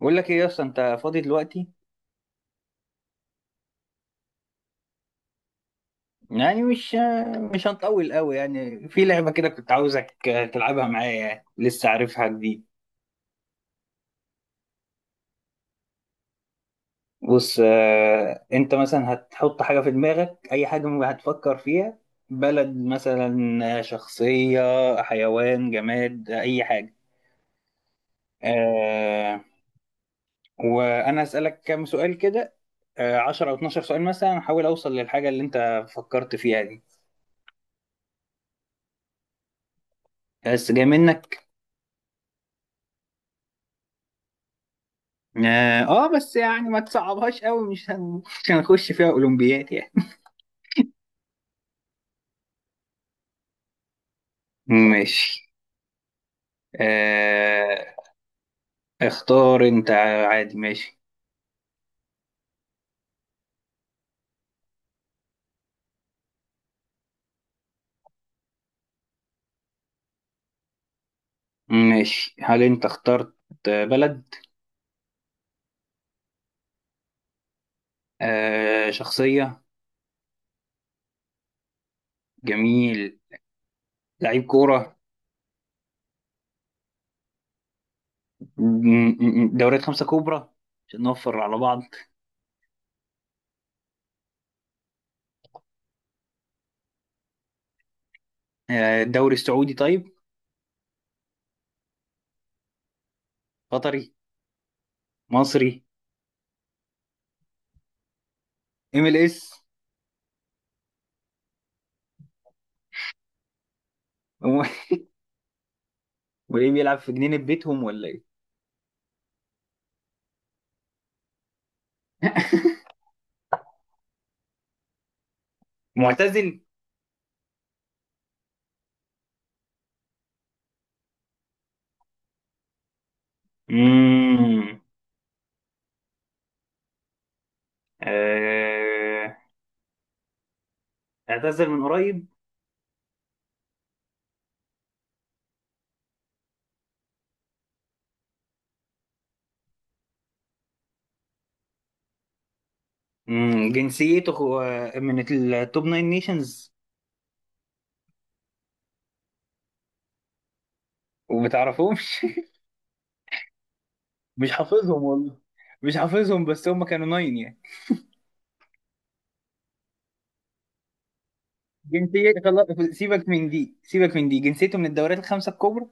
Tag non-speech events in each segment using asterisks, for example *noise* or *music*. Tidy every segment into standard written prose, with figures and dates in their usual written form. بقول لك ايه يا اسطى، انت فاضي دلوقتي؟ يعني مش هنطول قوي، يعني في لعبه كده كنت عاوزك تلعبها معايا، يعني لسه عارفها جديد. بص، انت مثلا هتحط حاجه في دماغك، اي حاجه هتفكر فيها. بلد، مثلا، شخصيه، حيوان، جماد، اي حاجه. آه، وانا اسالك كام سؤال كده. 10 او 12 سؤال مثلا، احاول اوصل للحاجه اللي انت فكرت فيها دي. بس جاي منك. اه، بس يعني ما تصعبهاش قوي، مش هنخش فيها اولمبيات يعني. ماشي، آه... اختار انت، عادي، ماشي. ماشي، هل انت اخترت بلد؟ شخصية؟ جميل. لعيب كورة؟ دوريات خمسة كبرى، عشان نوفر على بعض. الدوري السعودي؟ طيب، قطري؟ مصري؟ MLS؟ *laughs* هو- وايه، بيلعب في جنينة بيتهم ولا ايه؟ معتزل؟ مم. آه... اعتزل من قريب؟ جنسيته هو من التوب ناين نيشنز، وبتعرفهمش. *laughs* مش حافظهم والله، مش حافظهم، بس هم كانوا ناين يعني. جنسية خلاص، سيبك من دي، سيبك من دي، جنسيته من الدوريات الخمسة الكبرى.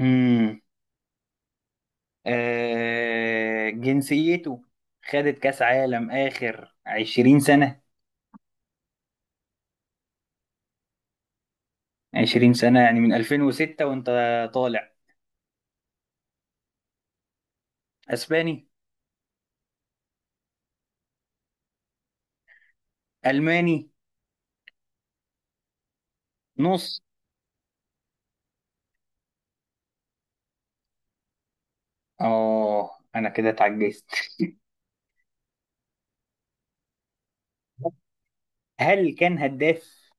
مم. جنسيته خدت كأس عالم آخر 20 سنة، 20 سنة، يعني من 2006 وانت طالع. اسباني؟ الماني؟ نص؟ اه، انا كده اتعجزت. *laughs* هل كان هداف؟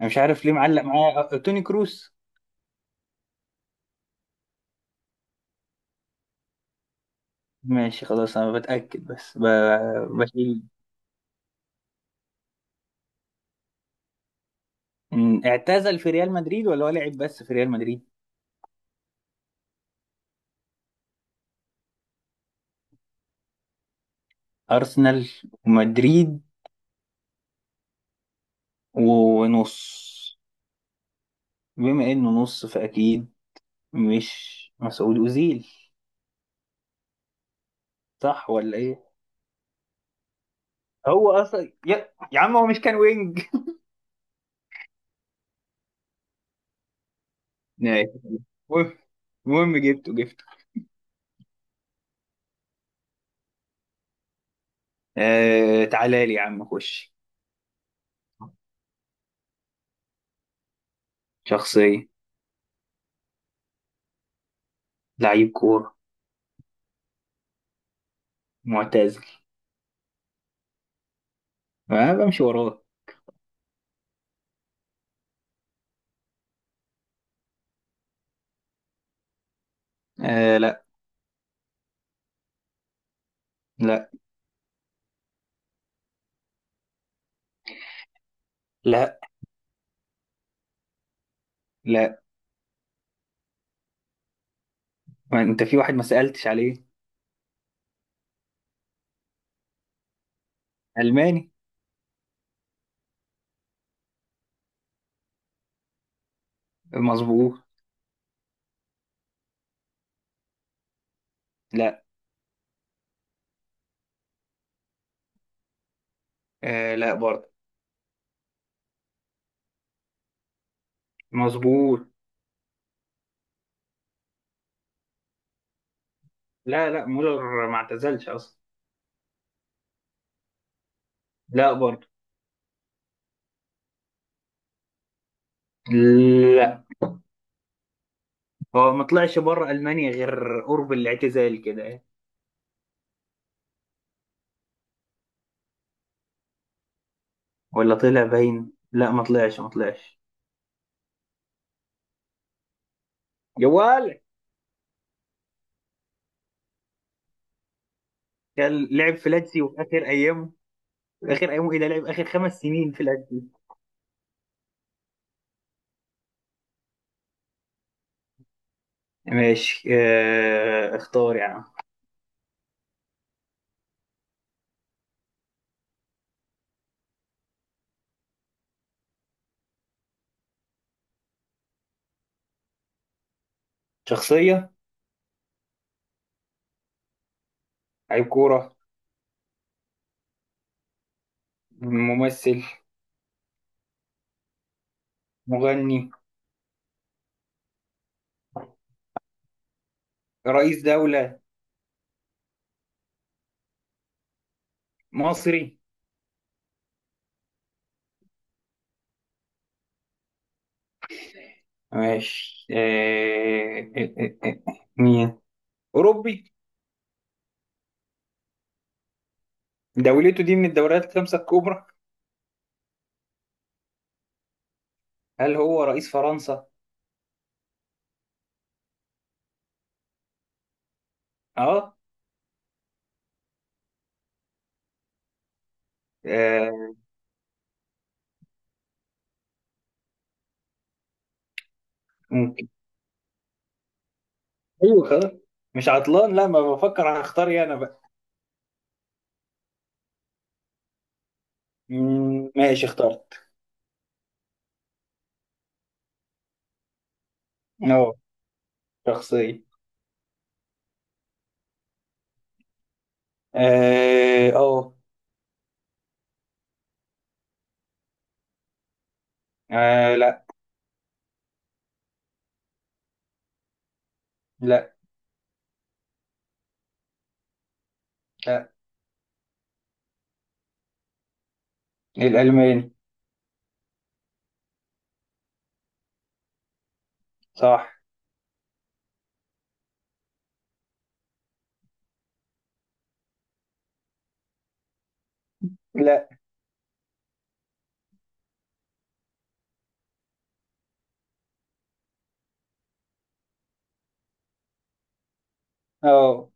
انا مش عارف ليه معلق معايا، توني كروس. ماشي خلاص، انا بتأكد بس بشيل. إن اعتزل في ريال مدريد ولا هو لعب بس في ريال مدريد؟ ارسنال ومدريد، ونص، بما انه نص فاكيد، مش مسعود اوزيل؟ صح ولا ايه؟ هو اصلا يا عم، هو مش كان وينج؟ ماشي. المهم المهم جبته جبته. تعالى لي يا عم خش. شخصية، لعيب كورة، معتزل، انا بمشي وراه. لا، لا، لا، لا. ما انت في واحد ما سألتش عليه. ألماني، مظبوط، لا، لا برضه، مظبوط. لا، لا، مولر ما اعتزلش أصلا، لا برضه. لا، هو ما طلعش بره ألمانيا غير قرب الاعتزال كده يعني. ولا طلع باين، لا، ما طلعش ما طلعش، جوال. كان لعب في لاتسيو، وفي آخر أيامه، في آخر أيامه، إيه ده لعب آخر خمس سنين في لاتسيو. ماشي، اختار يعني. شخصية، لعيب كورة، ممثل، مغني، رئيس دولة، مصري؟ ماشي، مين؟ أوروبي؟ دولته دي من الدوريات الخمسة الكبرى، هل هو رئيس فرنسا؟ اه، آه، ممكن؟ ايوه خلاص، مش عطلان، لا، ما بفكر هختار ايه انا بقى. ماشي اخترت. اه، شخصية، اه أه. لا، لا، لا، الألماني، صح، لا، اه.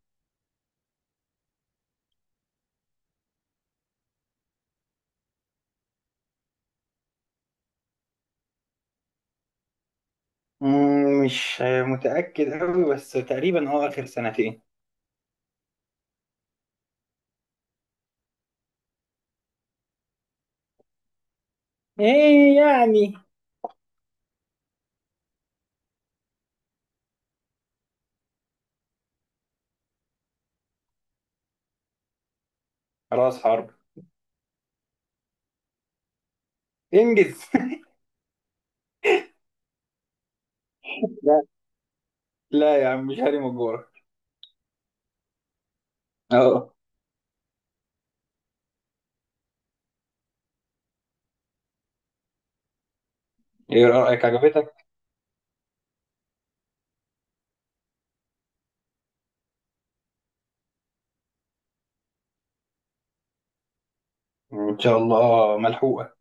مش متأكد أوي، بس تقريبا آخر سنتين. ايه يعني؟ راس حرب، انجز. *laughs* لا، لا يا عم، مش هاري مجوعك. اه، ايه رأيك، عجبتك؟ ان شاء الله ملحوقة.